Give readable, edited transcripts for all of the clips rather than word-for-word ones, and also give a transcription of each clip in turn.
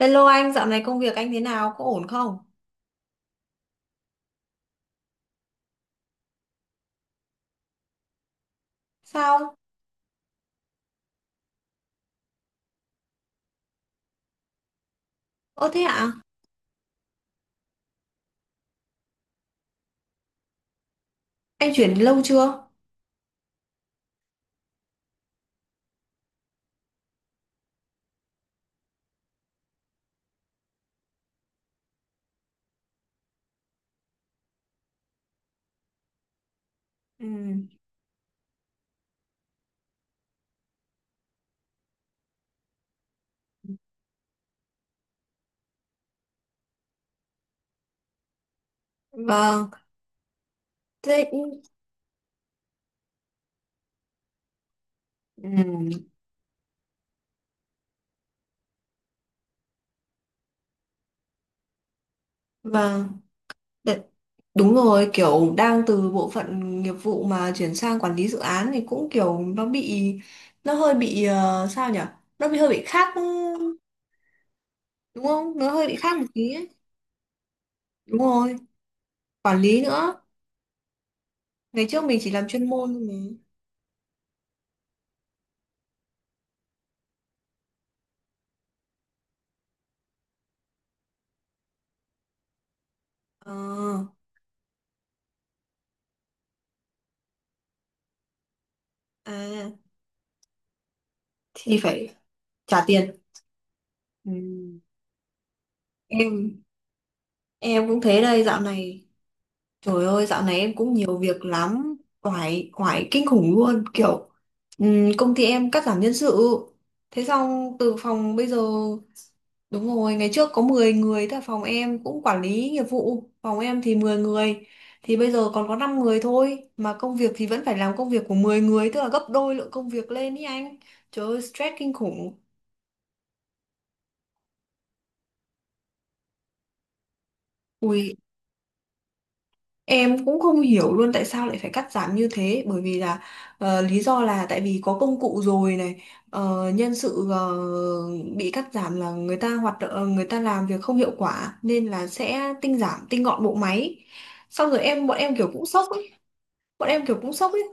Hello anh, dạo này công việc anh thế nào? Có ổn không? Sao? Ơ thế ạ? Anh chuyển lâu chưa? Ừ. Vâng. Thế... Ừ. Vâng. Đ- Đúng rồi, kiểu đang từ bộ phận nghiệp vụ mà chuyển sang quản lý dự án thì cũng kiểu nó bị... Nó hơi bị... sao nhỉ? Nó bị hơi bị khác... Đúng không? Nó hơi bị khác một tí ấy. Đúng rồi. Quản lý nữa. Ngày trước mình chỉ làm chuyên môn thôi mà. Ờ. À. Thì phải trả tiền. Ừ. Em Em cũng thế đây dạo này. Trời ơi, dạo này em cũng nhiều việc lắm, oải oải kinh khủng luôn, kiểu công ty em cắt giảm nhân sự, thế xong từ phòng bây giờ đúng rồi, ngày trước có 10 người, tại phòng em cũng quản lý nghiệp vụ phòng em thì 10 người, thì bây giờ còn có 5 người thôi, mà công việc thì vẫn phải làm công việc của 10 người, tức là gấp đôi lượng công việc lên ý anh. Trời ơi, stress kinh khủng. Ui, em cũng không hiểu luôn tại sao lại phải cắt giảm như thế, bởi vì là lý do là tại vì có công cụ rồi này. Nhân sự bị cắt giảm là người ta hoạt động, người ta làm việc không hiệu quả nên là sẽ tinh giảm tinh gọn bộ máy, xong rồi bọn em kiểu cũng sốc ấy. bọn em kiểu cũng sốc ấy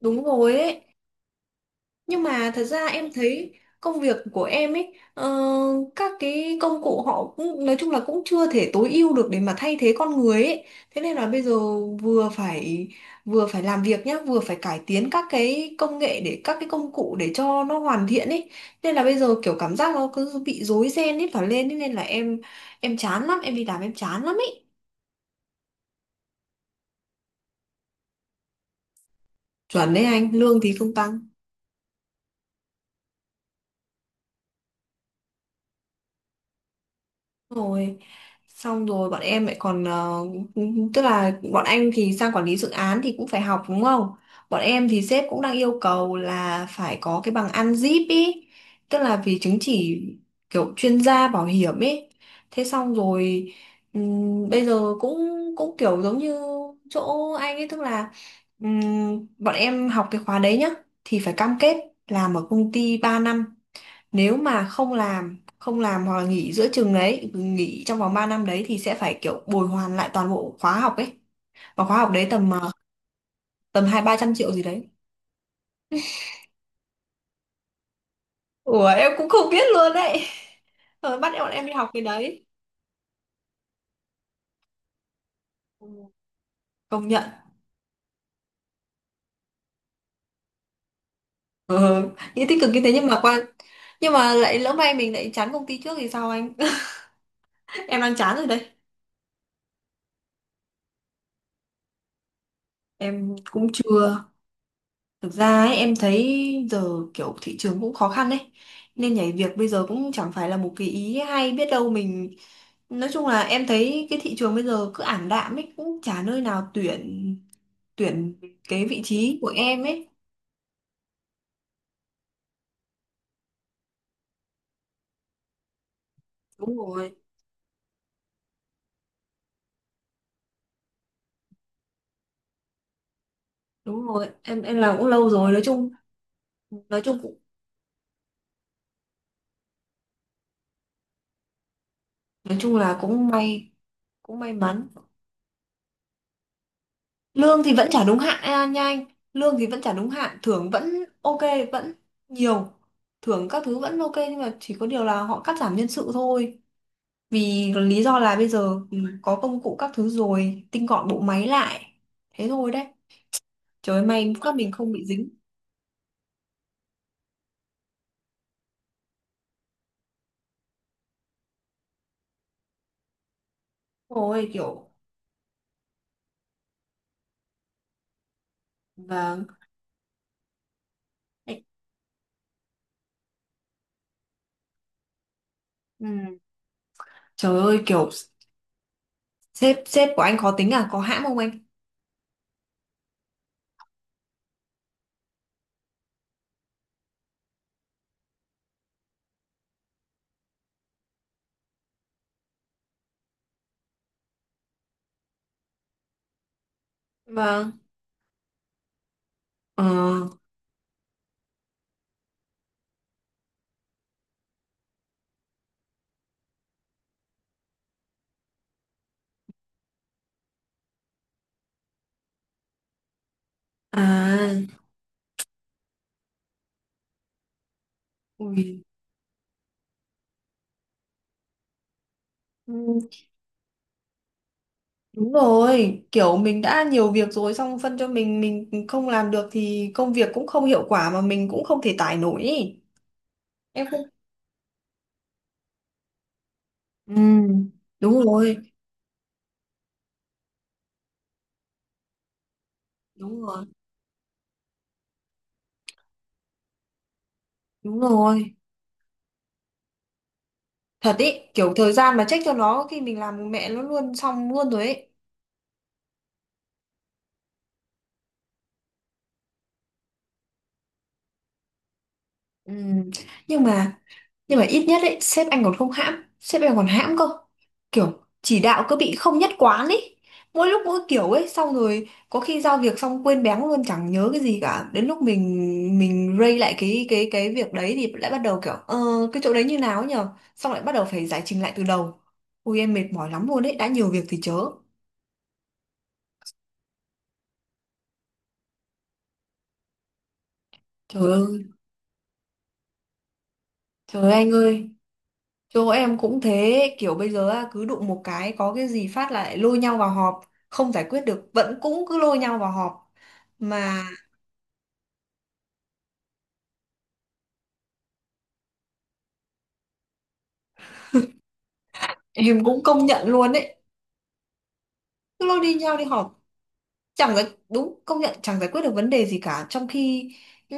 Đúng rồi ấy. Nhưng mà thật ra em thấy công việc của em ấy, các cái công cụ họ cũng nói chung là cũng chưa thể tối ưu được để mà thay thế con người ấy. Thế nên là bây giờ vừa phải vừa phải làm việc nhá, vừa phải cải tiến các cái công nghệ để các cái công cụ để cho nó hoàn thiện ấy. Nên là bây giờ kiểu cảm giác nó cứ bị rối ren hết cả lên ấy. Nên là em chán lắm, em đi làm em chán lắm ấy. Chuẩn đấy anh, lương thì không tăng. Rồi xong rồi bọn em lại còn tức là bọn anh thì sang quản lý dự án thì cũng phải học đúng không, bọn em thì sếp cũng đang yêu cầu là phải có cái bằng ăn zip ý, tức là vì chứng chỉ kiểu chuyên gia bảo hiểm ý. Thế xong rồi bây giờ cũng cũng kiểu giống như chỗ anh ấy, tức là bọn em học cái khóa đấy nhá thì phải cam kết làm ở công ty 3 năm. Nếu mà không làm hoặc là nghỉ trong vòng 3 năm đấy thì sẽ phải kiểu bồi hoàn lại toàn bộ khóa học ấy. Và khóa học đấy tầm tầm hai ba trăm triệu gì đấy. Ủa em cũng không biết luôn đấy, rồi bắt bọn em đi học cái đấy. Ừ. Công nhận. Ừ. Nghĩ tích cực như thế, nhưng mà qua, nhưng mà lại lỡ may mình lại chán công ty trước thì sao anh? Em đang chán rồi đây. Em cũng chưa. Thực ra ấy, em thấy giờ kiểu thị trường cũng khó khăn đấy, nên nhảy việc bây giờ cũng chẳng phải là một cái ý hay, biết đâu mình. Nói chung là em thấy cái thị trường bây giờ cứ ảm đạm ấy, cũng chả nơi nào tuyển, tuyển cái vị trí của em ấy. Đúng rồi, đúng rồi. Em làm cũng lâu rồi, nói chung, nói chung cũng, nói chung là cũng may mắn. Lương thì vẫn trả đúng hạn à, nha anh. Lương thì vẫn trả đúng hạn, thưởng vẫn ok, vẫn nhiều. Thưởng các thứ vẫn ok, nhưng mà chỉ có điều là họ cắt giảm nhân sự thôi. Vì lý do là bây giờ ừ, có công cụ các thứ rồi, tinh gọn bộ máy lại. Thế thôi đấy. Trời ơi, may quá mình không bị dính. Ôi kiểu, vâng. Ê, ừ. Trời ơi kiểu sếp sếp của anh khó tính à, có hãm không anh? Vâng. Ờ. À. Ui. Ừ, đúng rồi, kiểu mình đã nhiều việc rồi xong phân cho mình không làm được thì công việc cũng không hiệu quả mà mình cũng không thể tải nổi ý. Em không. Ừ. Đúng rồi. Đúng rồi. Đúng rồi, thật ý, kiểu thời gian mà trách cho nó khi mình làm mẹ nó luôn xong luôn rồi ý. Ừ. Nhưng mà, nhưng mà ít nhất ấy sếp anh còn không hãm, sếp anh còn hãm cơ, kiểu chỉ đạo cứ bị không nhất quán ấy, mỗi lúc mỗi kiểu ấy, xong rồi có khi giao việc xong quên béng luôn chẳng nhớ cái gì cả, đến lúc mình ray lại cái việc đấy thì lại bắt đầu kiểu cái chỗ đấy như nào ấy nhờ, xong lại bắt đầu phải giải trình lại từ đầu. Ui em mệt mỏi lắm luôn đấy, đã nhiều việc thì chớ. Trời ơi. Trời ơi anh ơi. Chỗ em cũng thế, kiểu bây giờ á, cứ đụng một cái có cái gì phát lại lôi nhau vào họp, không giải quyết được vẫn cũng cứ lôi nhau vào họp. Mà em cũng công nhận luôn đấy, cứ lôi đi nhau đi họp chẳng giải, đúng, công nhận chẳng giải quyết được vấn đề gì cả, trong khi ừ,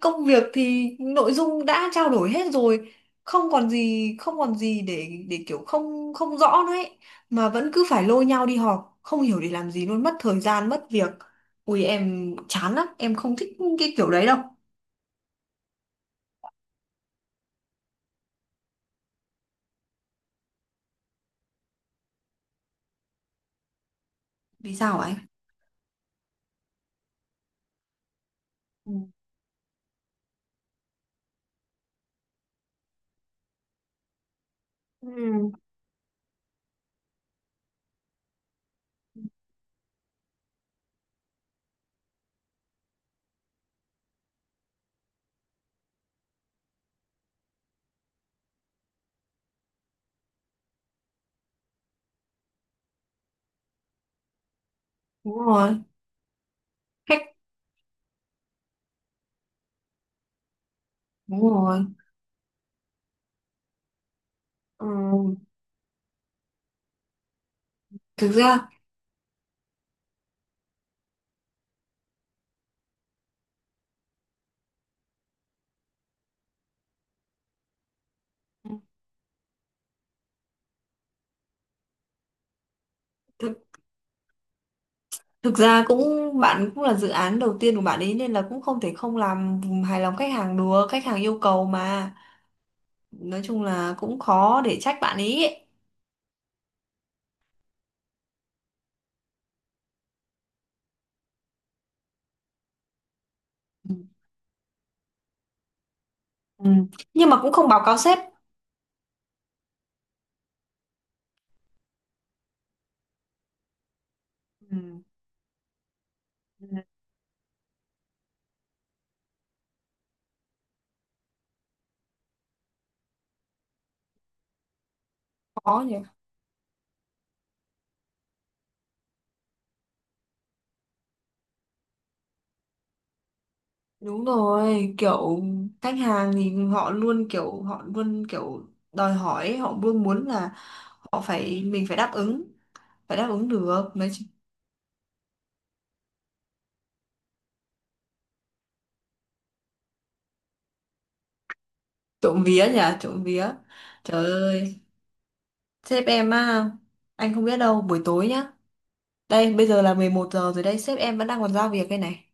công việc thì nội dung đã trao đổi hết rồi, không còn gì để kiểu không không rõ nữa ấy, mà vẫn cứ phải lôi nhau đi họp không hiểu để làm gì luôn, mất thời gian mất việc. Ui em chán lắm, em không thích cái kiểu đấy đâu. Vì sao ấy? Ừ. Ừ. Đúng rồi. Khách. Đúng rồi. Ừ. Thực ra. Thực ra cũng, bạn cũng là dự án đầu tiên của bạn ấy nên là cũng không thể không làm hài lòng khách hàng được, khách hàng yêu cầu mà. Nói chung là cũng khó để trách bạn ấy. Ấy. Ừ. Ừ. Nhưng mà cũng không báo cáo sếp. Ừ. Ừ. Khó nhỉ. Đúng rồi, kiểu khách hàng thì họ luôn kiểu, họ luôn kiểu đòi hỏi, ấy, họ luôn muốn là họ phải, mình phải đáp ứng được. Mấy chị- trộm vía nhỉ, trộm vía. Trời ơi, sếp em á, anh không biết đâu, buổi tối nhá. Đây, bây giờ là 11 giờ rồi đây, sếp em vẫn đang còn giao việc đây này.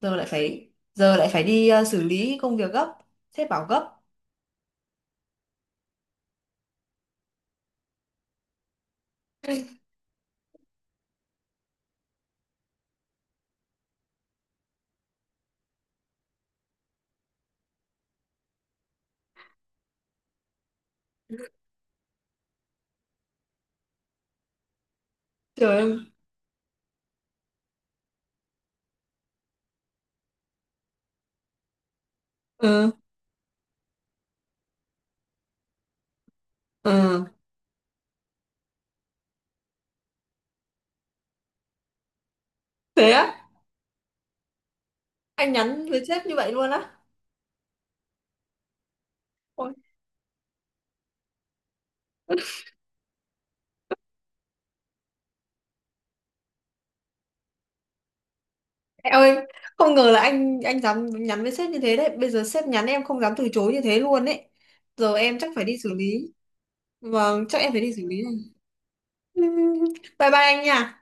Giờ lại phải đi xử lý công việc gấp. Sếp bảo gấp. Trời ơi. Ừ, ừ. Thế á? Anh nhắn với sếp như vậy luôn á? Ôi, em ơi, không ngờ là anh dám nhắn với sếp như thế đấy. Bây giờ sếp nhắn em không dám từ chối như thế luôn đấy. Giờ em chắc phải đi xử lý. Vâng, chắc em phải đi xử lý này. Bye bye anh nha.